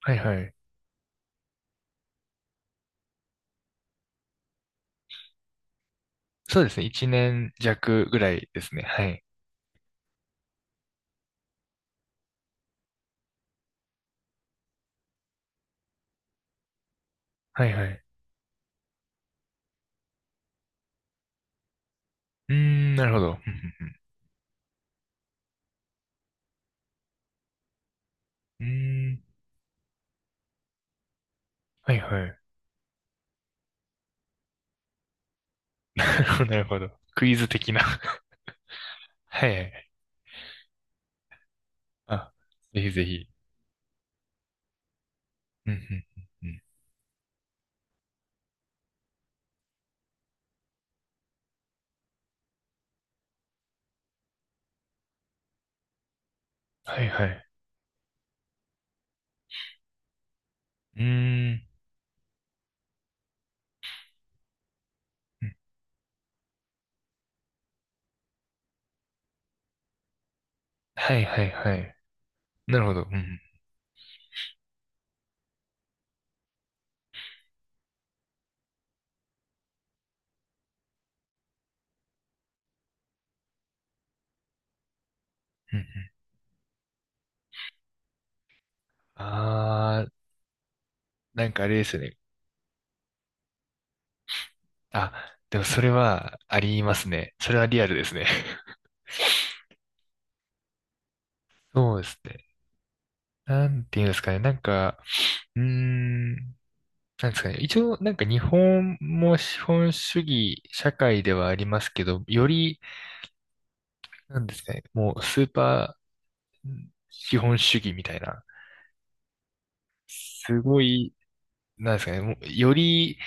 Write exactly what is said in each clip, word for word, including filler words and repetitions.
はいはい。そうですね。一年弱ぐらいですね。はい。はいはい。うーん、なるほど。うんうんうんうーん、はいはい。なるほど、なるほど。クイズ的な。 はいはい。あ、ぜひぜひ。うんうんうんうん。はいはい。うーん。うん。はいはいはい。なるほど。うんうんうんうん。あー、なんかあれですよね。あ、でもそれはありますね。それはリアルですね。そうですね。なんていうんですかね。なんか、うーん。なんですかね。一応、なんか日本も資本主義社会ではありますけど、より、なんですかね、もうスーパー資本主義みたいな、すごい、なんですかね、もうより、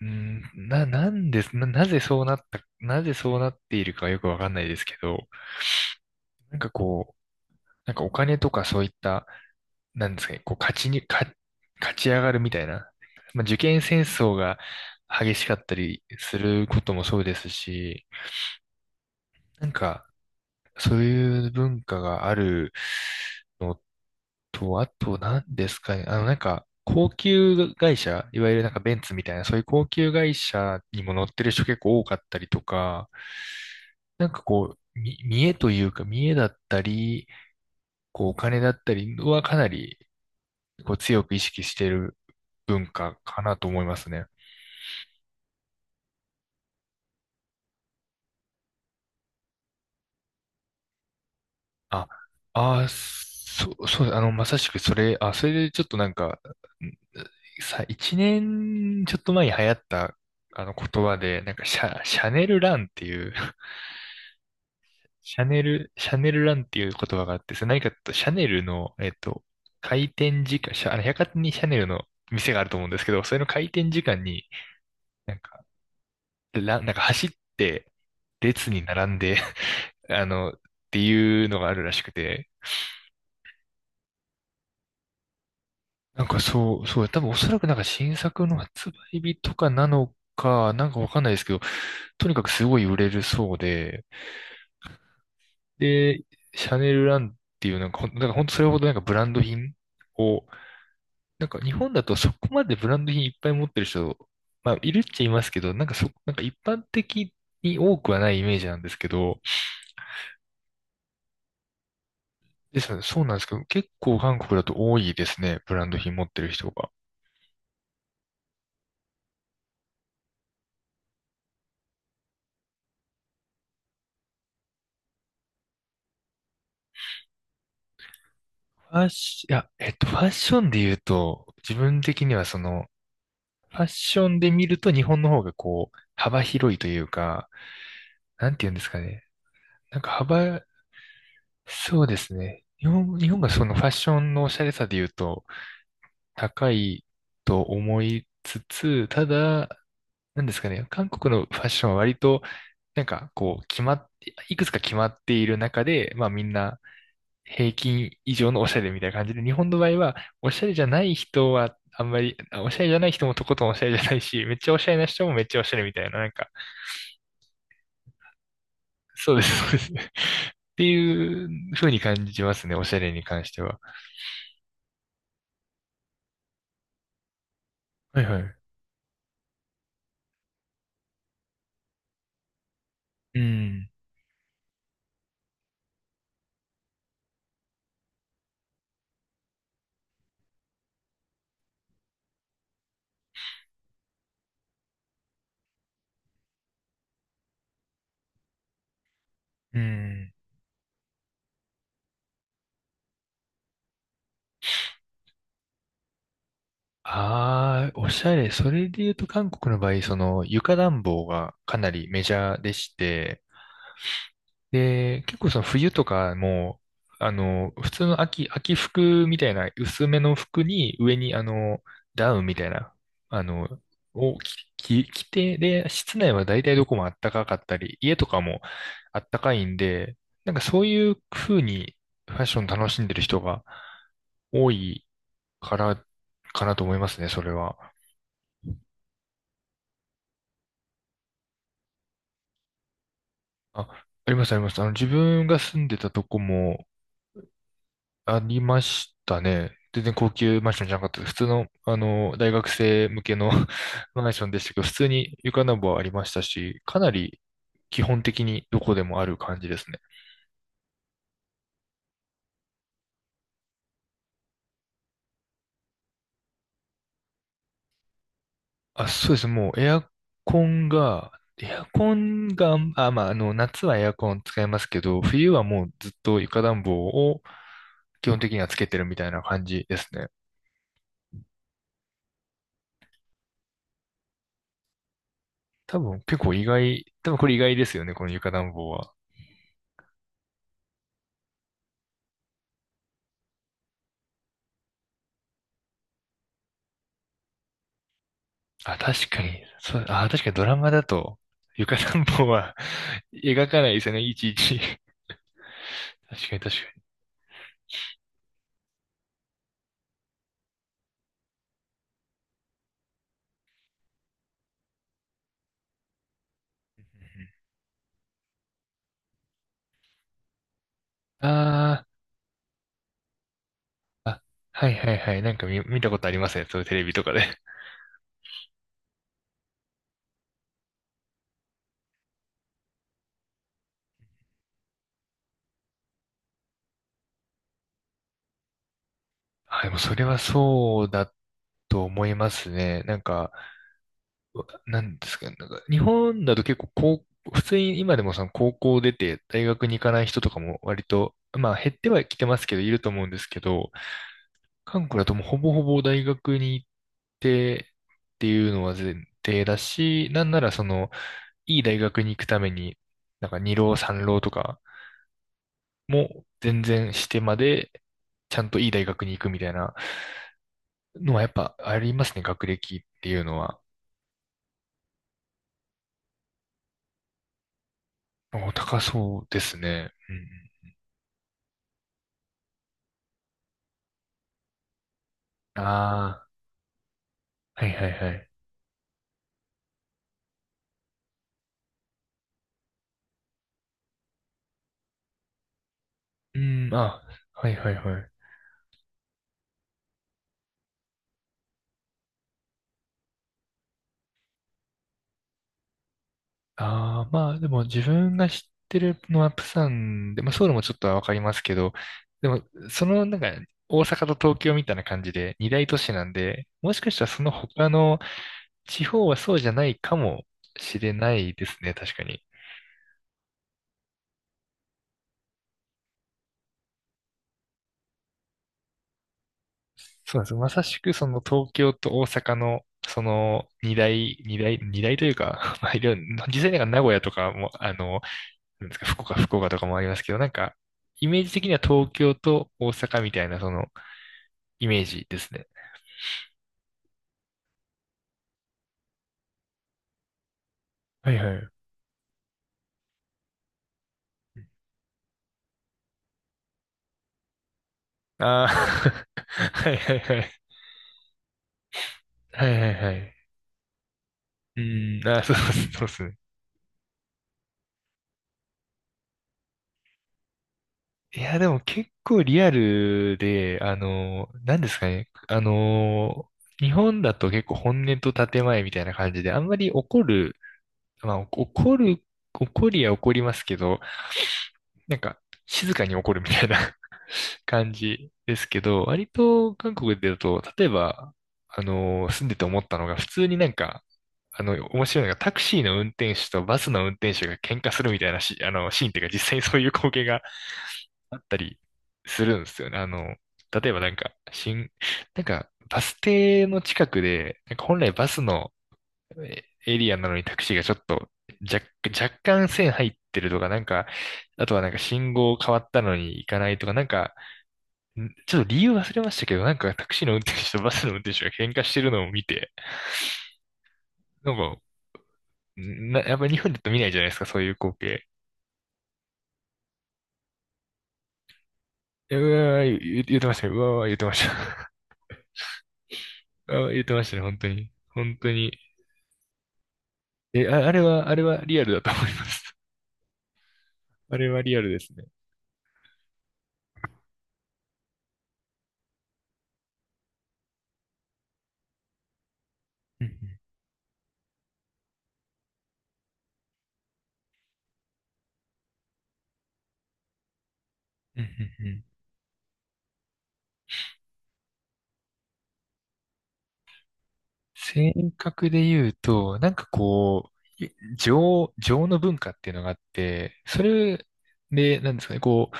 うん、な、なんです、な、なぜそうなった、なぜそうなっているかよくわかんないですけど、なんかこう、なんかお金とかそういった、なんですかね、こう勝ちに、か、勝ち上がるみたいな。まあ、受験戦争が激しかったりすることもそうですし、なんか、そういう文化があるのと、あと何ですかね。あの、なんか、高級会社、いわゆるなんかベンツみたいな、そういう高級会社にも乗ってる人結構多かったりとか、なんかこう、み見栄というか、見栄だったり、こう、お金だったりはかなり、こう、強く意識している文化かなと思いますね。あ、あー、そう、そう、あの、まさしくそれ、あ、それでちょっとなんか、んさ、一年ちょっと前に流行った、あの言葉で、なんかシャ、シャネルランっていう。シャネル、シャネルランっていう言葉があって、それ何かっていうと、シャネルの、えっと、開店時間、シャ、あの、百貨店にシャネルの店があると思うんですけど、それの開店時間に、なんか、ラン、なんか走って、列に並んで、あの、っていうのがあるらしくて、なんかそう、そう、多分おそらくなんか新作の発売日とかなのか、なんかわかんないですけど、とにかくすごい売れるそうで、で、シャネルランっていうなんかほん、なんか本当それほどなんかブランド品を、なんか日本だとそこまでブランド品いっぱい持ってる人、まあいるっちゃいますけど、なんかそ、なんか一般的に多くはないイメージなんですけど、ですので、そうなんですけど、結構韓国だと多いですね、ブランド品持ってる人が。ファッシ、いや、えっと、ファッションで言うと、自分的にはその、ファッションで見ると日本の方がこう、幅広いというか、なんて言うんですかね。なんか幅、そうですね。日本、日本がそのファッションのおしゃれさで言うと高いと思いつつ、ただ、なんですかね、韓国のファッションは割と、なんかこう、決まって、いくつか決まっている中で、まあみんな平均以上のおしゃれみたいな感じで、日本の場合は、おしゃれじゃない人はあんまり、あおしゃれじゃない人もとことんおしゃれじゃないし、めっちゃおしゃれな人もめっちゃおしゃれみたいな、なんか、そうです、そうです。っていう風に感じますね、おしゃれに関しては。はいはい。うん、うん。ああ、おしゃれ。それで言うと韓国の場合、その床暖房がかなりメジャーでして、で、結構その冬とかも、あの、普通の秋、秋服みたいな薄めの服に上にあの、ダウンみたいな、あの、を着、着着て、で、室内は大体どこも暖かかったり、家とかも暖かいんで、なんかそういう風にファッション楽しんでる人が多いから、かなと思いますね、それは。あ、ありますあります。あの、自分が住んでたとこも、ありましたね。全然高級マンションじゃなかったです。普通の、あの、大学生向けの マンションでしたけど、普通に床暖房はありましたし、かなり基本的にどこでもある感じですね。あ、そうです。もうエアコンが、エアコンが、あ、まあ、あの、夏はエアコン使いますけど、冬はもうずっと床暖房を基本的にはつけてるみたいな感じですね。多分結構意外、多分これ意外ですよね、この床暖房は。あ、確かに、そう、あ、確かにドラマだと、床暖房は 描かないですよね、いちいち。確かに、確かに。あーあ、はいはいはい。なんか見、見たことありますね。そういうテレビとかで。あ、でもそれはそうだと思いますね。なんか、うなんですかね。なんか日本だと結構高、普通に今でもその高校出て大学に行かない人とかも割と、まあ減ってはきてますけど、いると思うんですけど、韓国だともうほぼほぼ大学に行ってっていうのは前提だし、なんならその、いい大学に行くために、なんかにろうさんろうとかも全然してまで、ちゃんといい大学に行くみたいなのはやっぱありますね、学歴っていうのは。お、高そうですね。うん。ああ、はいはいはい。うん、あ、はいはいはい。ああ、まあでも自分が知ってるのはプサンで、まあソウルもちょっとはわかりますけど、でもそのなんか大阪と東京みたいな感じでにだいとしなんで、もしかしたらその他の地方はそうじゃないかもしれないですね、確かに。そうなんです。まさしくその東京と大阪のその二大、二大、二大というか、まあいろいろ、実際なんか名古屋とかも、あの、なんですか、福岡、福岡とかもありますけど、なんかイメージ的には東京と大阪みたいなそのイメージですね。はいはい。ああ、はいはいはい。はいはいはい。うん、あー、そうそうそうですね。いや、でも結構リアルで、あのー、なんですかね。あのー、日本だと結構本音と建前みたいな感じで、あんまり怒る、まあ、怒る、怒りは怒りますけど、なんか、静かに怒るみたいな。 感じですけど、割と韓国でだと、例えば、あのー住んでて思ったのが、普通になんか、あの、面白いのが、タクシーの運転手とバスの運転手が喧嘩するみたいなし、あの、シーンっていうか、実際にそういう光景があったりするんですよね。あの、例えばなんか、新、なんか、バス停の近くで、なんか本来バスのえエリアなのにタクシーがちょっと若、若干線入ってるとか、なんか、あとはなんか信号変わったのに行かないとか、なんか、んちょっと理由忘れましたけど、なんかタクシーの運転手とバスの運転手が喧嘩してるのを見て、なんか、んな、やっぱり日本だと見ないじゃないですか、そういう光景。うわー、言う言ってましたよ。うわー、言ってました。うわー、言ってましたね、本当に。本当に。え、あ、あれは、あれはリアルだと思います。あれはリアルですね。うんうんうんうんうん。性格で言うと、なんかこう、い情、情の文化っていうのがあって、それで、なんですかね、こう、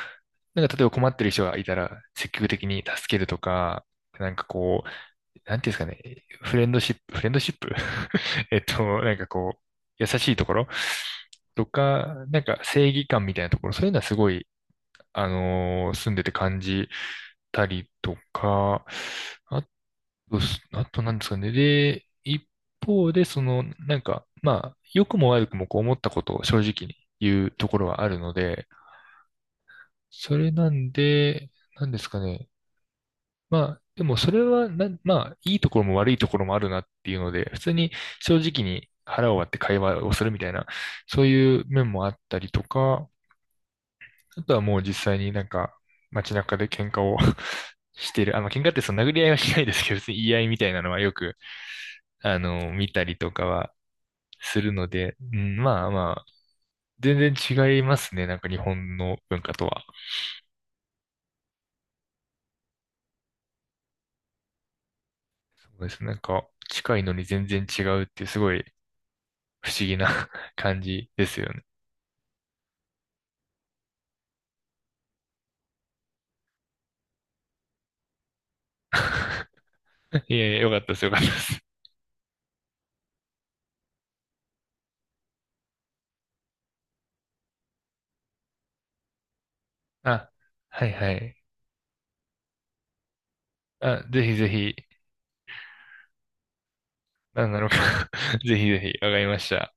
なんか例えば困ってる人がいたら積極的に助けるとか、なんかこう、なんていうんですかね、フレンドシップ、フレンドシップ。 えっと、なんかこう、優しいところとか、なんか正義感みたいなところ、そういうのはすごい、あのー住んでて感じたりとか、あ、そうっす。あとなんですかね。で、一方で、その、なんか、まあ、良くも悪くもこう思ったことを正直に言うところはあるので、それなんで、なんですかね。まあ、でもそれはな、まあ、いいところも悪いところもあるなっていうので、普通に正直に腹を割って会話をするみたいな、そういう面もあったりとか、あとはもう実際になんか、街中で喧嘩を してる。あの、喧嘩ってその殴り合いはしないですけど、別に言い合いみたいなのはよく、あの、見たりとかはするので、うん、まあまあ、全然違いますね。なんか日本の文化とは。そうですね。なんか近いのに全然違うっていうすごい不思議な 感じですよね。いやいや、よかったです。よかったです。あ、はいはい。あ、ぜひぜひ、なんなのか。 ぜひぜひ、わかりました。